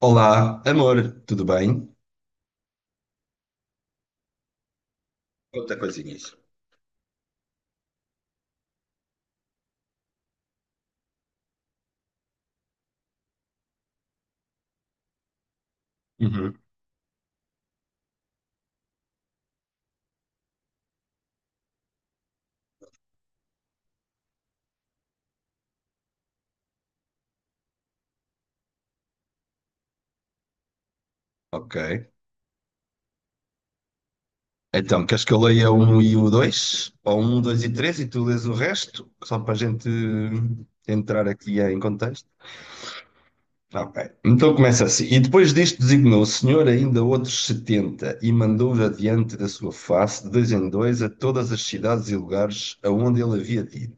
Olá, amor, tudo bem? Outra coisinhas. Uhum. Ok. Então, queres que eu leia o um e o 2, ou um, 2 e 3 e tu lês o resto? Só para a gente entrar aqui em contexto. Ok. Então começa assim. E depois disto designou o Senhor ainda outros setenta e mandou-os adiante da sua face, de dois em dois, a todas as cidades e lugares aonde ele havia dito.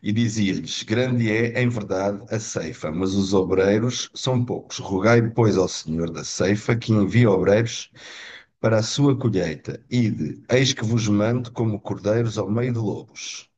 E dizia-lhes: Grande é, em verdade, a ceifa, mas os obreiros são poucos. Rogai, pois, ao Senhor da ceifa que envie obreiros para a sua colheita. Ide, eis que vos mando como cordeiros ao meio de lobos.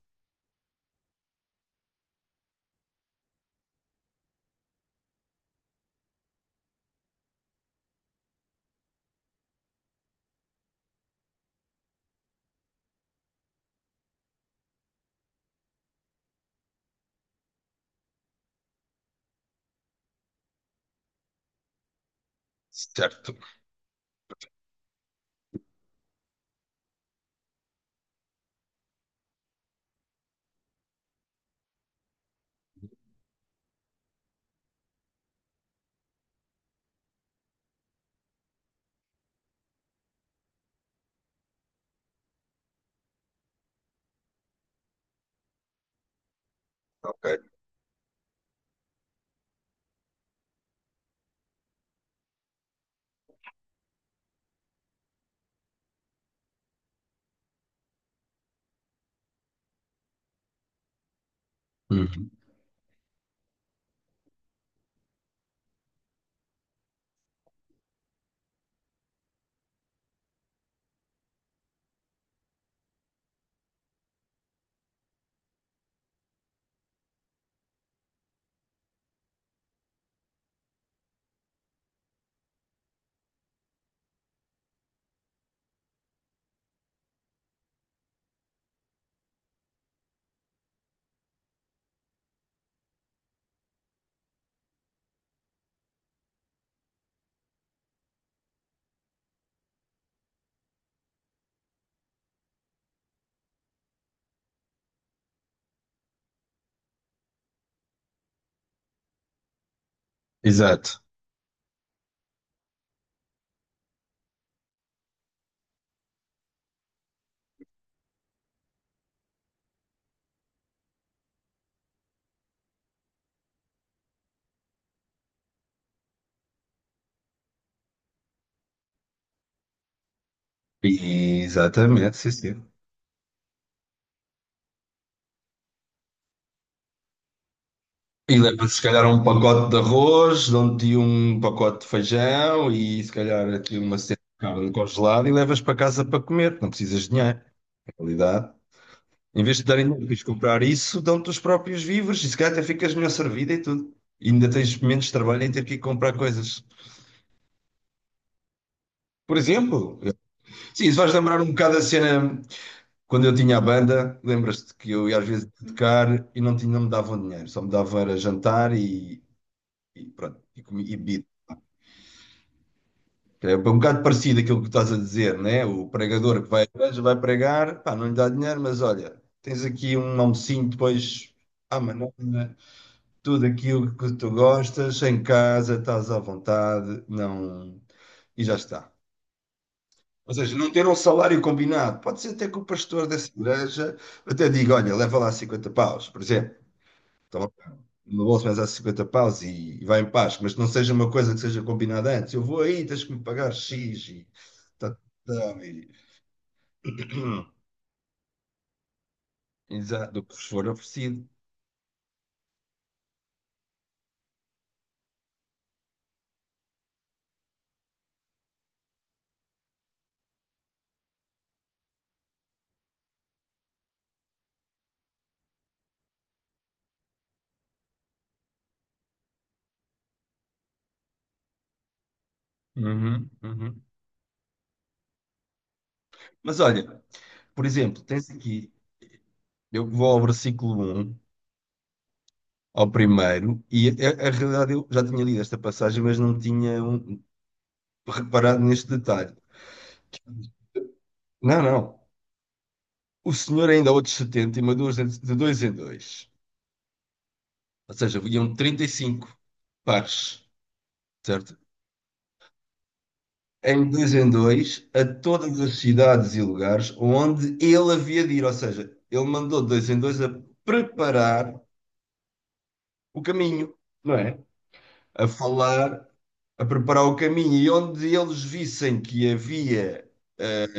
Certo, ok. Uhum. Exato. Exatamente, sim, sim. E leva-se, se calhar, um pacote de arroz, dão-te um pacote de feijão e, se calhar, aqui uma cena de carne congelada e levas para casa para comer. Não precisas de dinheiro, na realidade. Em vez de darem de comprar isso, dão-te os próprios víveres e se calhar até ficas melhor servida e tudo. E ainda tens menos trabalho em ter que ir comprar coisas. Por exemplo, sim, isso vais lembrar um bocado a cena quando eu tinha a banda. Lembras-te que eu ia às vezes tocar e não, tinha, não me davam dinheiro, só me davam era jantar e pronto, e, comi, e bebido. É um bocado parecido aquilo que estás a dizer, né? O pregador que vai, à igreja, vai pregar, pá, não lhe dá dinheiro, mas olha, tens aqui um almocinho depois à manhã, tudo aquilo que tu gostas, em casa, estás à vontade, não, e já está. Ou seja, não ter um salário combinado. Pode ser até que o pastor dessa igreja até diga, olha, leva lá 50 paus, por exemplo. Então, no bolso mas há 50 paus e vai em paz, mas não seja uma coisa que seja combinada antes. Eu vou aí, tens que me pagar X e... Tá, tá, tá, Exato, do que vos for oferecido. Uhum, uhum. Mas olha, por exemplo, tens aqui, eu vou ao versículo um ao primeiro, e a, realidade eu já tinha lido esta passagem, mas não tinha reparado neste detalhe. Não, não. O senhor ainda há outros 70 e mandou-os de dois em dois. Ou seja, iam 35 pares, certo? Em dois, a todas as cidades e lugares onde ele havia de ir. Ou seja, ele mandou de dois em dois a preparar o caminho, não é? A falar, a preparar o caminho. E onde eles vissem que havia eh,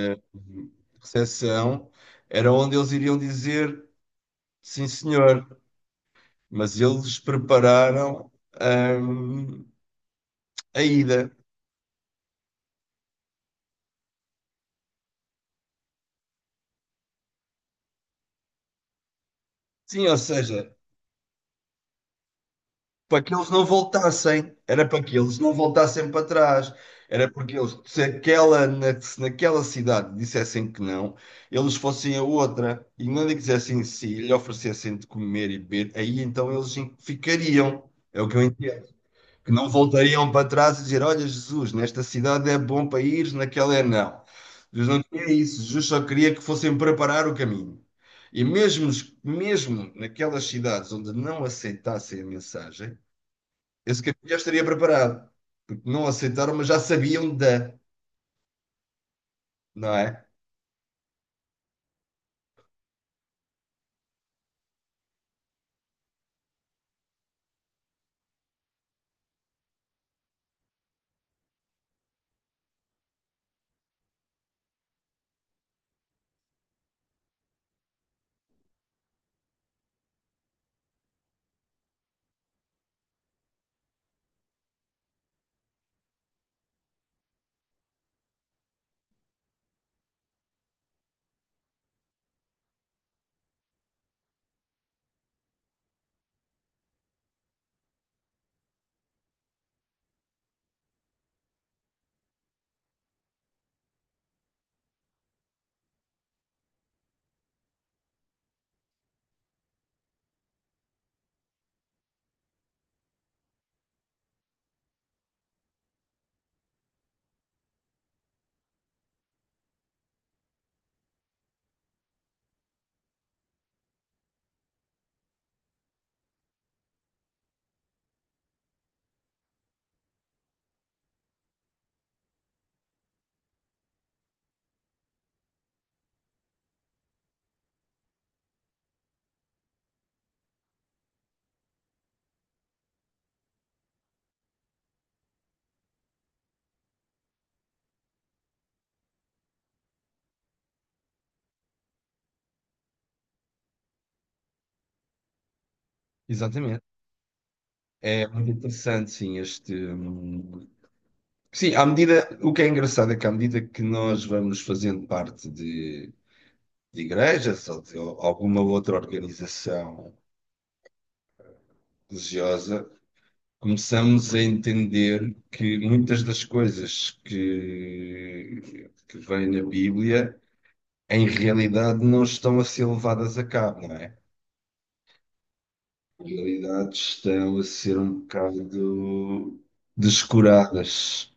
recepção, era onde eles iriam dizer sim, senhor, mas eles prepararam hum, a ida. Sim, ou seja, para que eles não voltassem, era para que eles não voltassem para trás. Era porque eles, se aquela, se naquela cidade dissessem que não, eles fossem a outra e não lhe quisessem sim, lhe oferecessem de comer e beber, aí então eles ficariam. É o que eu entendo. Que não voltariam para trás e dizer: Olha, Jesus, nesta cidade é bom para ir, naquela é não. Jesus não queria isso, Jesus só queria que fossem preparar o caminho. E mesmo, mesmo naquelas cidades onde não aceitassem a mensagem, esse caminho já estaria preparado. Porque não aceitaram, mas já sabiam da, não é? Exatamente. É muito interessante, sim, este. Sim, à medida. O que é engraçado é que à medida que nós vamos fazendo parte de igrejas ou de alguma outra organização religiosa, começamos a entender que muitas das coisas que vêm na Bíblia, em realidade, não estão a ser levadas a cabo, não é? Em realidade, estão a ser um bocado descuradas.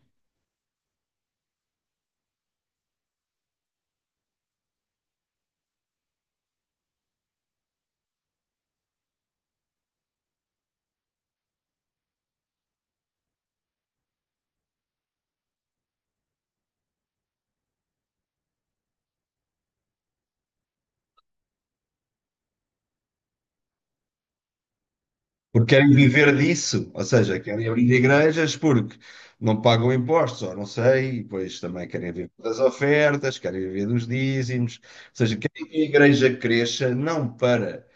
Porque querem viver disso, ou seja, querem abrir igrejas porque não pagam impostos, ou não sei, pois também querem viver das ofertas, querem viver dos dízimos, ou seja, querem que a igreja cresça não para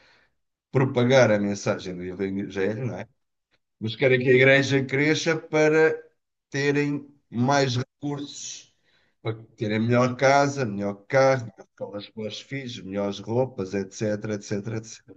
propagar a mensagem do Evangelho, não é? Mas querem que a igreja cresça para terem mais recursos, para terem melhor casa, melhor carro, melhor escolas para os filhos, melhores roupas, etc, etc, etc.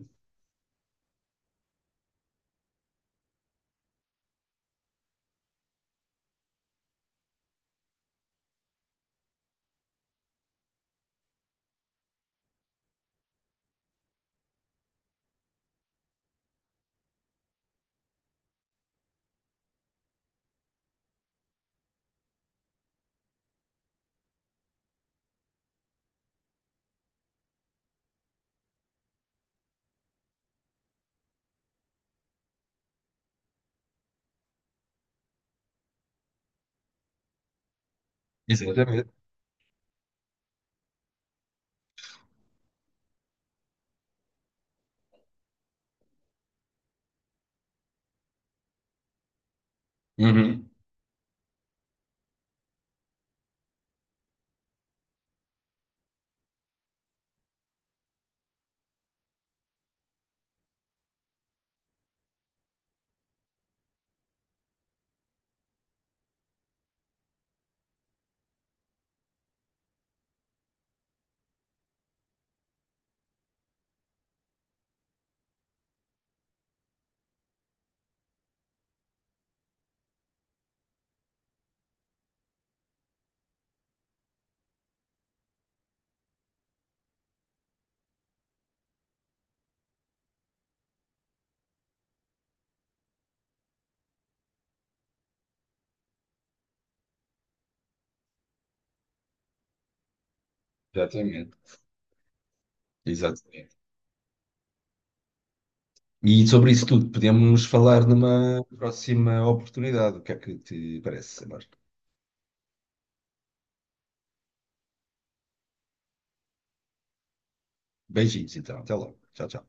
Exatamente. Uhum. Exatamente. Exatamente. E sobre isso tudo podemos falar numa próxima oportunidade. O que é que te parece, Amor? Beijinhos, então. Até logo. Tchau, tchau.